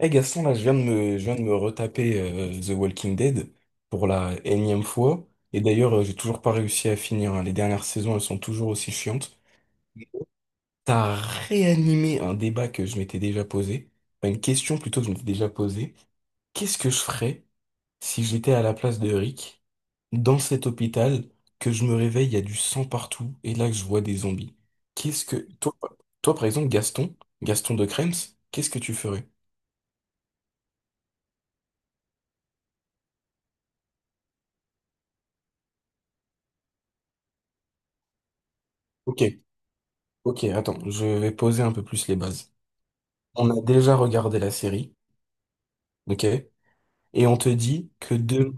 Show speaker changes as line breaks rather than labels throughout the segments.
Eh Gaston, là, je viens de me retaper The Walking Dead pour la énième fois. Et d'ailleurs, j'ai toujours pas réussi à finir, hein. Les dernières saisons, elles sont toujours aussi chiantes. T'as réanimé un débat que je m'étais déjà posé. Enfin, une question plutôt que je m'étais déjà posée. Qu'est-ce que je ferais si j'étais à la place de Rick dans cet hôpital, que je me réveille, il y a du sang partout et là que je vois des zombies? Qu'est-ce que... Toi, par exemple, Gaston, Gaston de Krems, qu'est-ce que tu ferais? Ok, Ok, attends, je vais poser un peu plus les bases. On a déjà regardé la série, ok? Et on te dit que demain...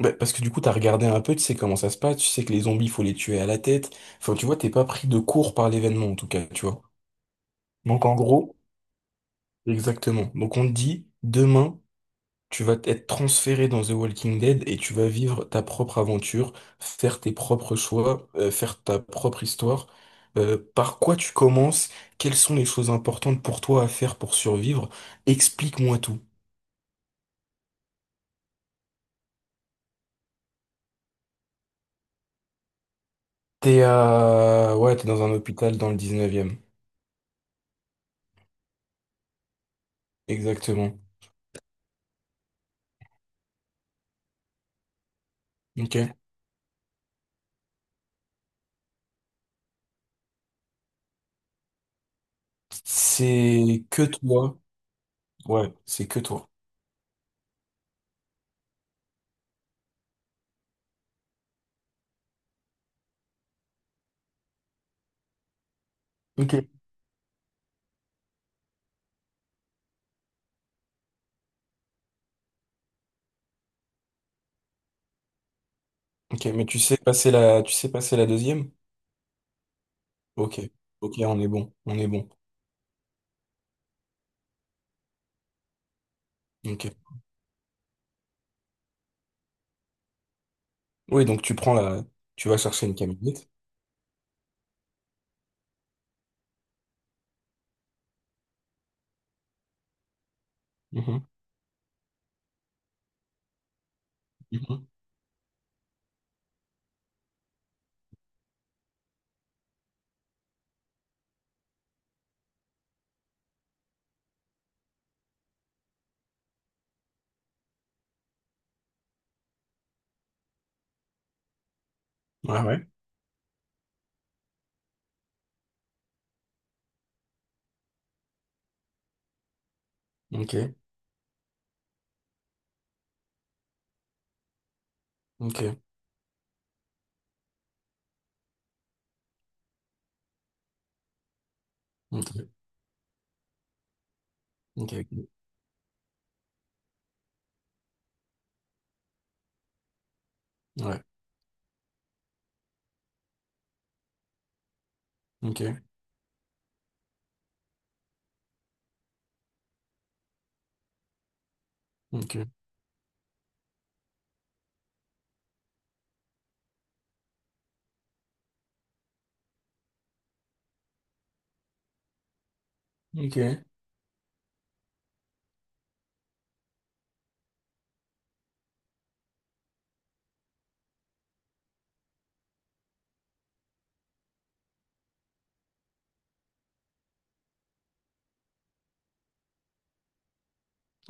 Bah, parce que du coup, t'as regardé un peu, tu sais comment ça se passe, tu sais que les zombies, faut les tuer à la tête. Enfin, tu vois, t'es pas pris de court par l'événement, en tout cas, tu vois. Donc, en gros, exactement. Donc, on te dit, demain, tu vas être transféré dans The Walking Dead et tu vas vivre ta propre aventure, faire tes propres choix, faire ta propre histoire. Par quoi tu commences? Quelles sont les choses importantes pour toi à faire pour survivre? Explique-moi tout. T'es à... Ouais, t'es dans un hôpital dans le dix-neuvième. Exactement. Ok. C'est que toi. Ouais, c'est que toi. Ok. Ok, mais tu sais passer la... Tu sais passer la deuxième? Ok. Ok, on est bon. On est bon. Ok. Oui, donc tu vas chercher une camionnette. Mhm, mhm. Ouais, ouais. Ok, ok, ok, ok. Ouais, ok, ok, ok.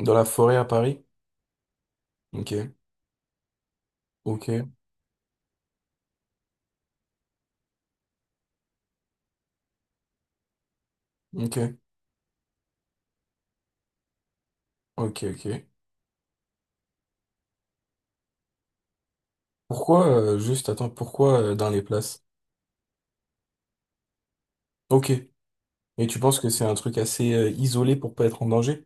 Dans la forêt à Paris? Ok, ok, ok, ok, ok. Pourquoi, juste, attends, pourquoi dans les places? Ok. Et tu penses que c'est un truc assez isolé pour pas être en danger?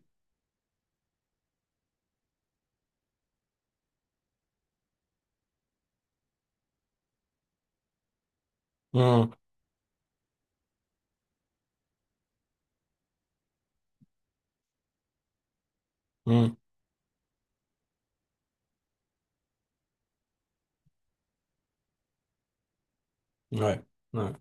Hmm, hmm. Ouais, ouais,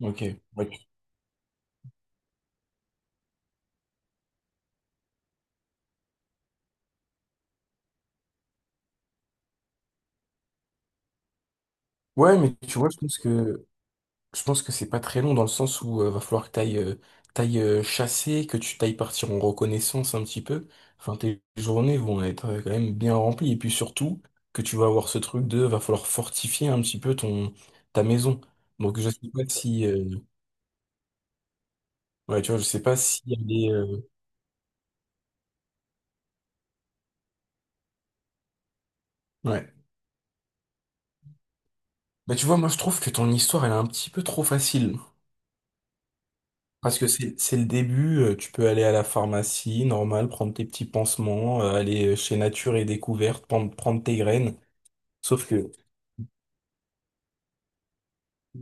ok. Ouais, ouais, mais tu vois, je pense que je pense que c'est pas très long dans le sens où va falloir que t'ailles t'ailles chasser, que tu t'ailles partir en reconnaissance un petit peu. Enfin, tes journées vont être quand même bien remplies. Et puis surtout, que tu vas avoir ce truc de va falloir fortifier un petit peu ton ta maison. Donc je sais pas si ouais, tu vois, je sais pas si elle est ouais. Bah tu vois, moi je trouve que ton histoire elle est un petit peu trop facile. Parce que c'est le début, tu peux aller à la pharmacie, normal, prendre tes petits pansements, aller chez Nature et Découverte, prendre tes graines. Sauf que,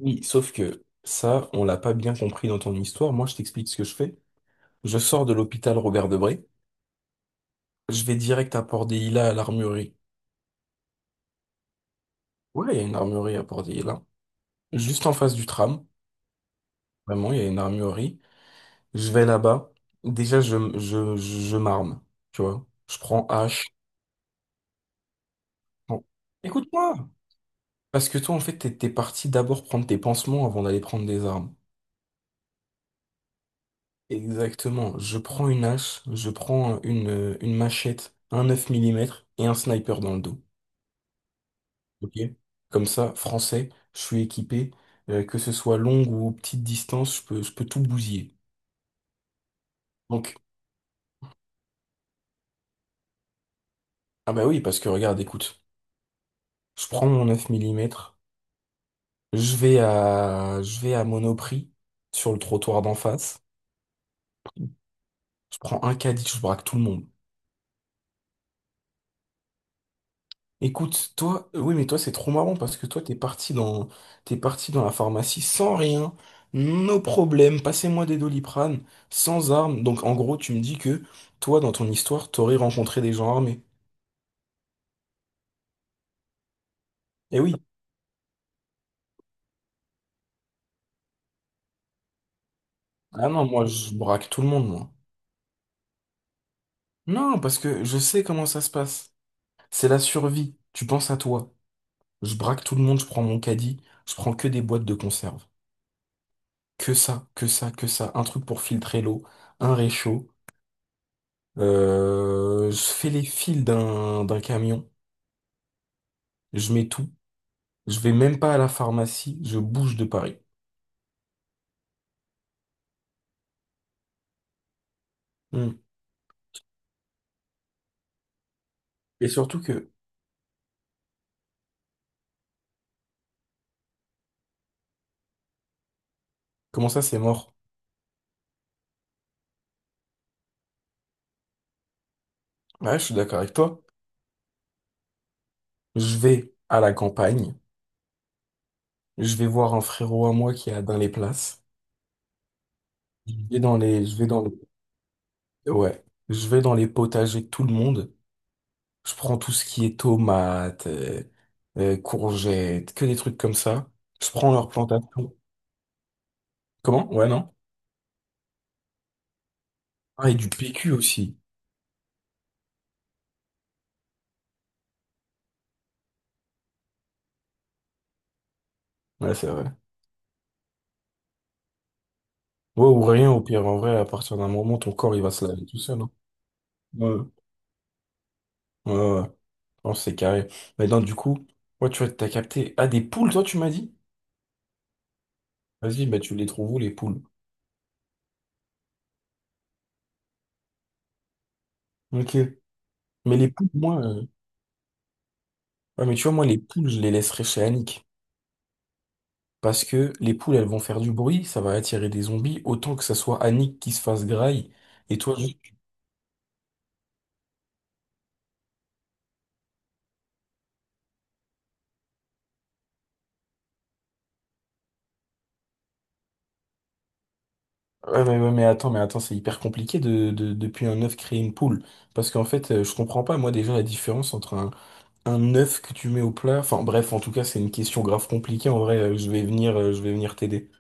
oui, sauf que ça, on l'a pas bien compris dans ton histoire. Moi, je t'explique ce que je fais. Je sors de l'hôpital Robert Debré. Je vais direct à Port-Dehila à l'armurerie. Ouais, il y a une armurerie à Port-Dehila. Juste en face du tram. Vraiment, il y a une armurerie. Je vais là-bas. Déjà, je m'arme. Tu vois? Je prends hache. Bon. Écoute-moi! Parce que toi, en fait, t'es parti d'abord prendre tes pansements avant d'aller prendre des armes. Exactement. Je prends une hache, je prends une machette, un 9 millimètres et un sniper dans le dos. Ok? Comme ça, français, je suis équipé, que ce soit longue ou petite distance, je peux tout bousiller. Donc, ah bah oui, parce que regarde, écoute, je prends mon 9 millimètres, je vais à Monoprix, sur le trottoir d'en face, je prends un caddie, je braque tout le monde. Écoute, toi, oui, mais toi, c'est trop marrant parce que toi, t'es parti dans la pharmacie sans rien, nos problèmes, passez-moi des Doliprane, sans armes. Donc, en gros, tu me dis que toi, dans ton histoire, t'aurais rencontré des gens armés. Eh oui. Ah non, moi, je braque tout le monde, moi. Non, parce que je sais comment ça se passe. C'est la survie. Tu penses à toi. Je braque tout le monde, je prends mon caddie, je prends que des boîtes de conserve. Que ça, que ça, que ça. Un truc pour filtrer l'eau, un réchaud. Je fais les fils d'un d'un camion. Je mets tout. Je vais même pas à la pharmacie. Je bouge de Paris. Hmm. Et surtout que, comment ça, c'est mort? Ouais, je suis d'accord avec toi. Je vais à la campagne. Je vais voir un frérot à moi qui a dans les places. Je vais dans les, je vais dans les, ouais, je vais dans les potagers de tout le monde. Je prends tout ce qui est tomates, courgettes, que des trucs comme ça. Je prends leurs plantations. Comment? Ouais, non? Ah, et du PQ aussi. Ouais, c'est vrai. Ouais, ou rien, au pire, en vrai, à partir d'un moment, ton corps, il va se laver tout seul, hein. Ouais, ouais, ouais, ouais. Non, c'est carré. Mais non, du coup, ouais, tu vois, t'as capté. Ah, des poules, toi, tu m'as dit? Vas-y, bah, tu les trouves où, les poules? Ok. Mais ouais, mais tu vois, moi, les poules, je les laisserai chez Annick. Parce que les poules, elles vont faire du bruit, ça va attirer des zombies, autant que ça soit Annick qui se fasse graille. Et toi, juste- ouais, mais attends, mais attends, c'est hyper compliqué de, depuis un œuf créer une poule. Parce qu'en fait, je comprends pas, moi, déjà, la différence entre un œuf que tu mets au plat? Enfin bref, en tout cas, c'est une question grave compliquée. En vrai, je vais venir t'aider.